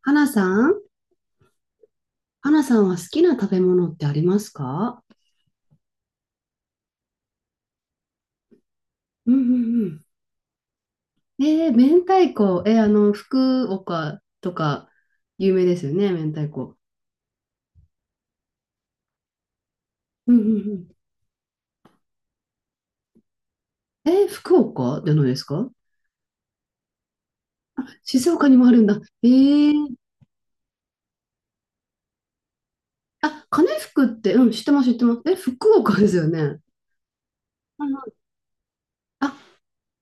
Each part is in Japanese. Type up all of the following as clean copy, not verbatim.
花さん。花さんは好きな食べ物ってありますか？うんうんうん。えー、明太子。福岡とか有名ですよね、明太子。うんうんうん。えー、福岡じゃないですか？静岡にもあるんだ。えー、あ、金福って、うん、知ってます、知ってます。え、福岡ですよね。うんうん。あ、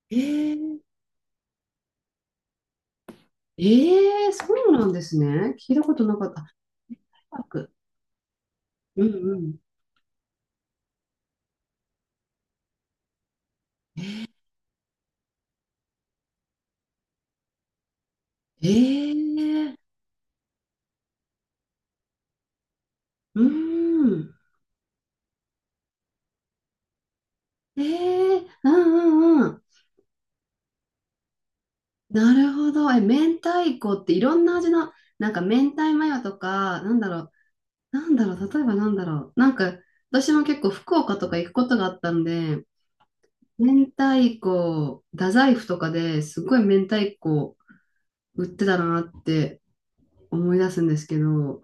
えー、えー、そうなんですね。聞いたことなかった。明太子。うんうん。えー、うん。ええ、うんうんうん。なるほど。え、明太子っていろんな味の、なんか明太マヨとか、なんだろう、なんだろう、例えばなんだろう。なんか、私も結構福岡とか行くことがあったんで、明太子、太宰府とかですごい明太子売ってたなって思い出すんですけど、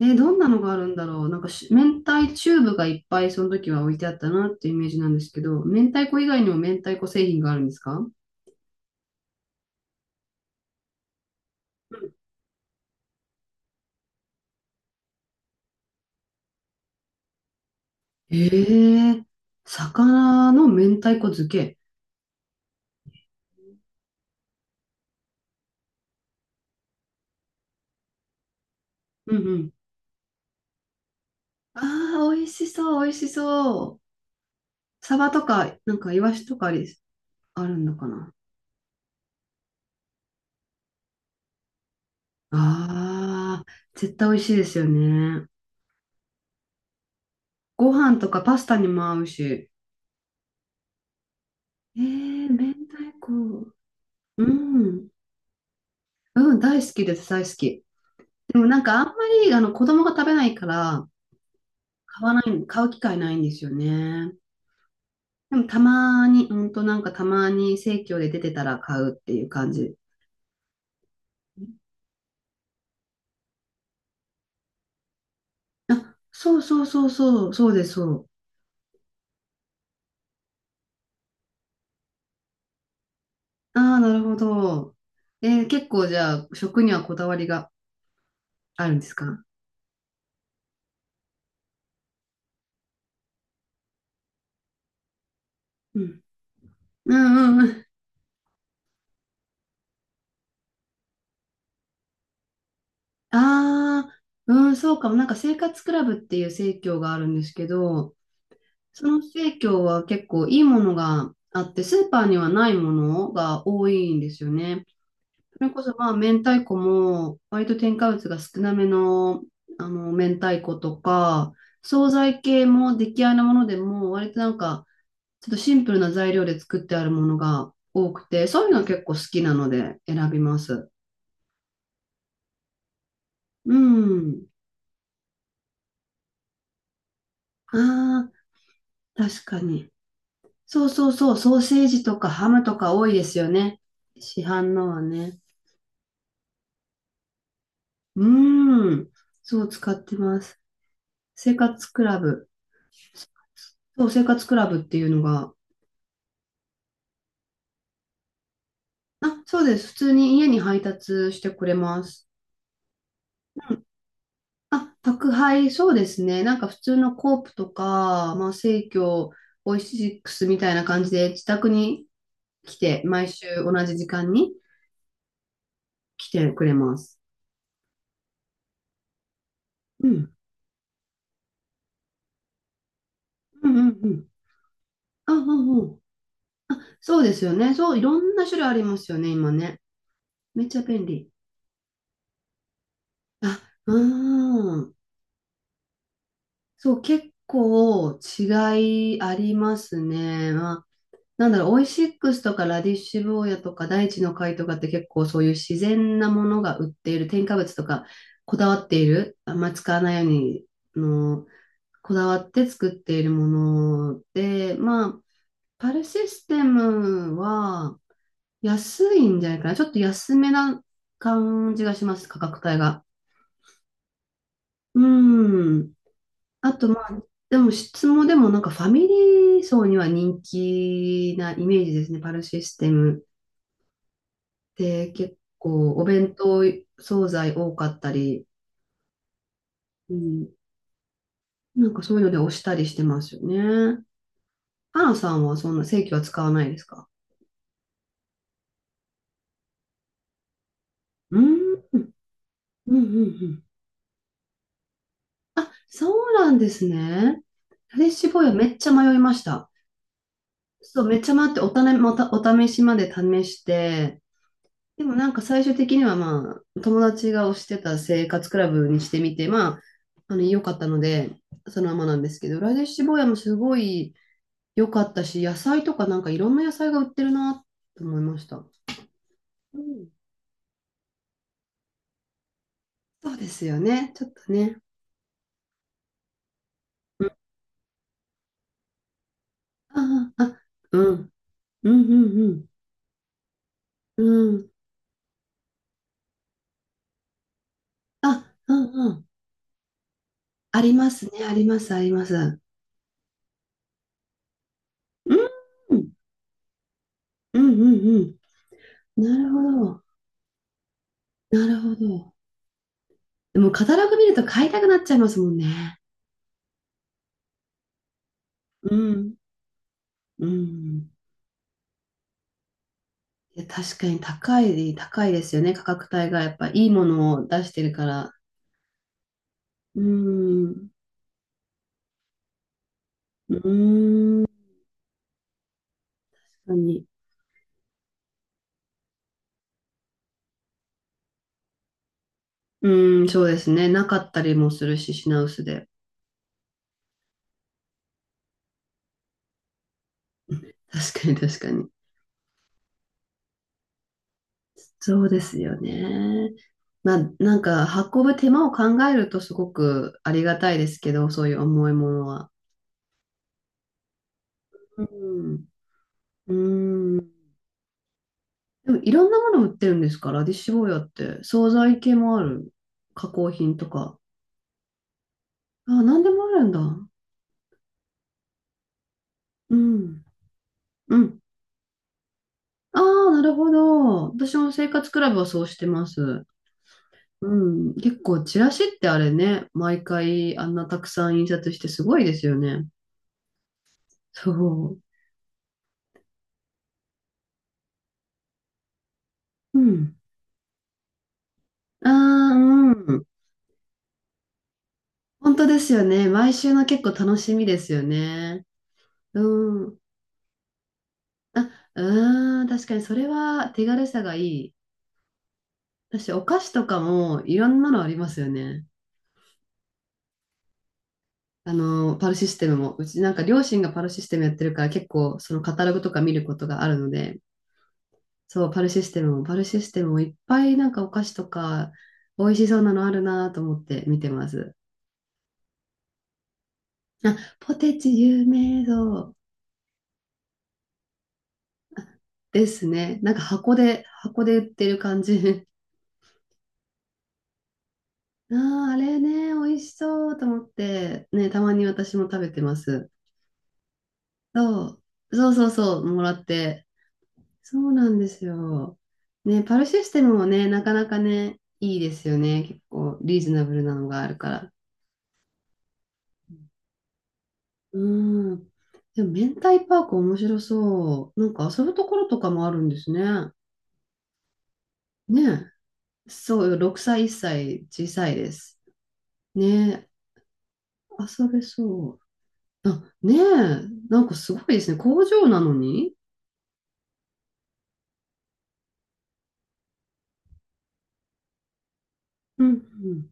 え、どんなのがあるんだろう。なんかし、明太チューブがいっぱいその時は置いてあったなっていうイメージなんですけど、明太子以外にも明太子製品があるんですか？ええ、魚の明太子漬け。うんうん。ああ、美味しそう、美味しそう。サバとか、なんかイワシとかあり、あるのかな。ああ、絶対美味しいですよね。ご飯とかパスタにも合うし。ええ、明太子。うん。うん、大好きです、大好き。でもなんかあんまり、あの、子供が食べないから、買わない、買う機会ないんですよね。でもたまに、うんとなんかたまに生協で出てたら買うっていう感じ。あ、そうそうそうそう、そうです、そう。ああ、なるほど。えー、結構じゃあ食にはこだわりがあるんですか？うん。うんうんうん。ああ、うん、そうかも。なんか生活クラブっていう生協があるんですけど、その生協は結構いいものがあって、スーパーにはないものが多いんですよね。それこそまあ明太子も割と添加物が少なめの、あの明太子とか惣菜系も出来合いのものでも割となんかちょっとシンプルな材料で作ってあるものが多くて、そういうの結構好きなので選びます。うん。ああ、確かに。そうそうそう、ソーセージとかハムとか多いですよね。市販のはね。うーん。そう、使ってます。生活クラブ。そう、生活クラブっていうのが、あ、そうです。普通に家に配達してくれます。あ、宅配、そうですね。なんか普通のコープとか、まあ、生協、オイシックスみたいな感じで自宅に来て、毎週同じ時間に来てくれます。うん。うんうんうん。あ、うんうん。そうですよね。そう、いろんな種類ありますよね、今ね。めっちゃ便利。あ、うーん。そう、結構違いありますね。オイシックスとかラディッシュ坊やとか大地の貝とかって結構そういう自然なものが売っている、添加物とかこだわっている、あんま使わないようにの、こだわって作っているもので、まあ、パルシステムは安いんじゃないかな。ちょっと安めな感じがします、価格帯が。うん。あと、まあ、でも質もでもなんかファミリー層には人気なイメージですね、パルシステム。で、結構お弁当惣菜多かったり、うん、なんかそういうので押したりしてますよね。パなさんはそんな正規は使わないですか？うーん、うんうんうん。あ、そうなんですね。フレッシュボーイはめっちゃ迷いました。そう、めっちゃ迷っておたね、また、お試しまで試して、でもなんか最終的にはまあ、友達が推してた生活クラブにしてみて、まあ、あの、良かったので、そのままなんですけど、ラレッシュボーもすごい良かったし、野菜とかなんかいろんな野菜が売ってるなと思いました。うん。そうですよね。ちょっとね。うん。ああ、あ、うん。うん、うん、うん。うん。あ、うん、うん。ありますね。あります、あります。うん。うん、うん、うん。なるほど。なるほど。でも、カタログ見ると買いたくなっちゃいますもんね。うん。うん。いや、確かに高い、高いですよね。価格帯がやっぱいいものを出してるから。うん。うん。当に。うん、そうですね。なかったりもするし、品薄で。確かに確かに。そうですよね。まあ、なんか、運ぶ手間を考えるとすごくありがたいですけど、そういう重いものは。うん。うん。でも、いろんなもの売ってるんですから、ラディッシュ坊やって。惣菜系もある。加工品とか。あ、なんでもあるんだ。うん。うん。ああ、なるほど。私も生活クラブはそうしてます。うん、結構、チラシってあれね、毎回あんなたくさん印刷してすごいですよね。そう。うん。ああ、うん。本当ですよね。毎週の結構楽しみですよね。うん。あ、うん。確かにそれは手軽さがいい。私、お菓子とかもいろんなのありますよね。あの、パルシステムも。うちなんか両親がパルシステムやってるから結構そのカタログとか見ることがあるので、そう、パルシステムも、パルシステムもいっぱいなんかお菓子とか、美味しそうなのあるなと思って見てます。あ、ポテチ有名そうですね。なんか箱で、箱で売ってる感じ。ああ、あれね、美味しそうと思って、ね、たまに私も食べてます。そう、そうそうそう、もらって。そうなんですよ。ね、パルシステムもね、なかなかね、いいですよね。結構リーズナブルなのがあるから。うん。でも、明太パーク面白そう。なんか遊ぶところとかもあるんですね。ねえ。そうよ、6歳、1歳、小さいです。ねえ、遊べそう。あ、ねえ、なんかすごいですね。工場なのに。うん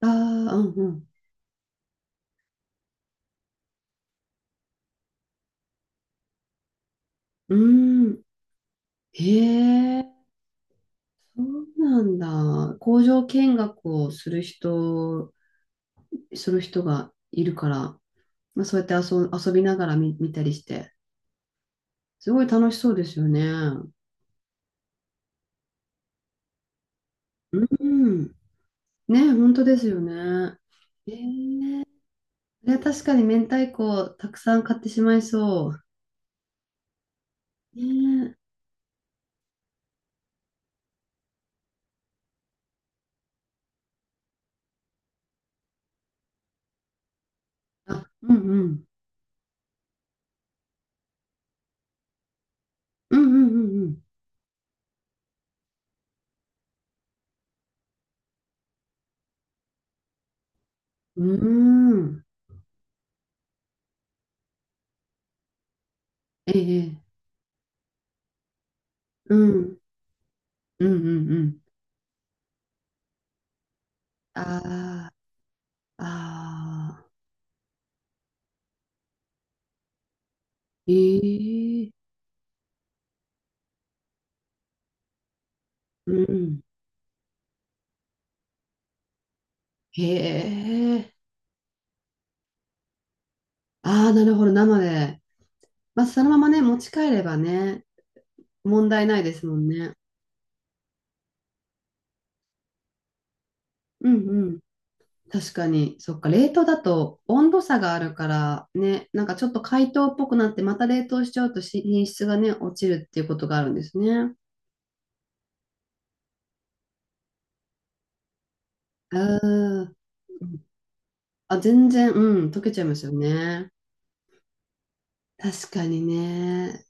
うん。ああ、うんうん。うーん。へえ、そうなんだ。工場見学をする人、する人がいるから、まあ、そうやって遊、遊びながら見、見たりして、すごい楽しそうですよね。うん。ね、本当ですよね。えー、いや確かに明太子たくさん買ってしまいそう。ねえ。あ、うんうん。うんうんうんうん。うーん。ええ。うん。うんうんうん。ああ、ああ。ええ。うんうん。へえ。ああ、なるほど。生で。まあ、そのままね、持ち帰ればね、問題ないですもんね。うんうん。確かに、そっか、冷凍だと温度差があるからね、なんかちょっと解凍っぽくなってまた冷凍しちゃうとし品質がね、落ちるっていうことがあるんですね。あー、あ、全然、うん、溶けちゃいますよね。確かにね。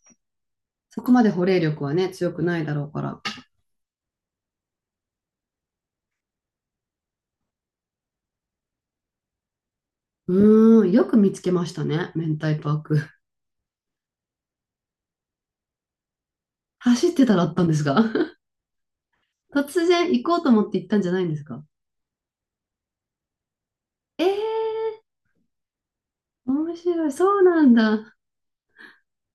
そこまで保冷力はね、強くないだろうから。うーん、よく見つけましたね、明太パーク。走ってたらあったんですが。 突然行こうと思って行ったんじゃないんですか？えー、面白い。そうなんだ。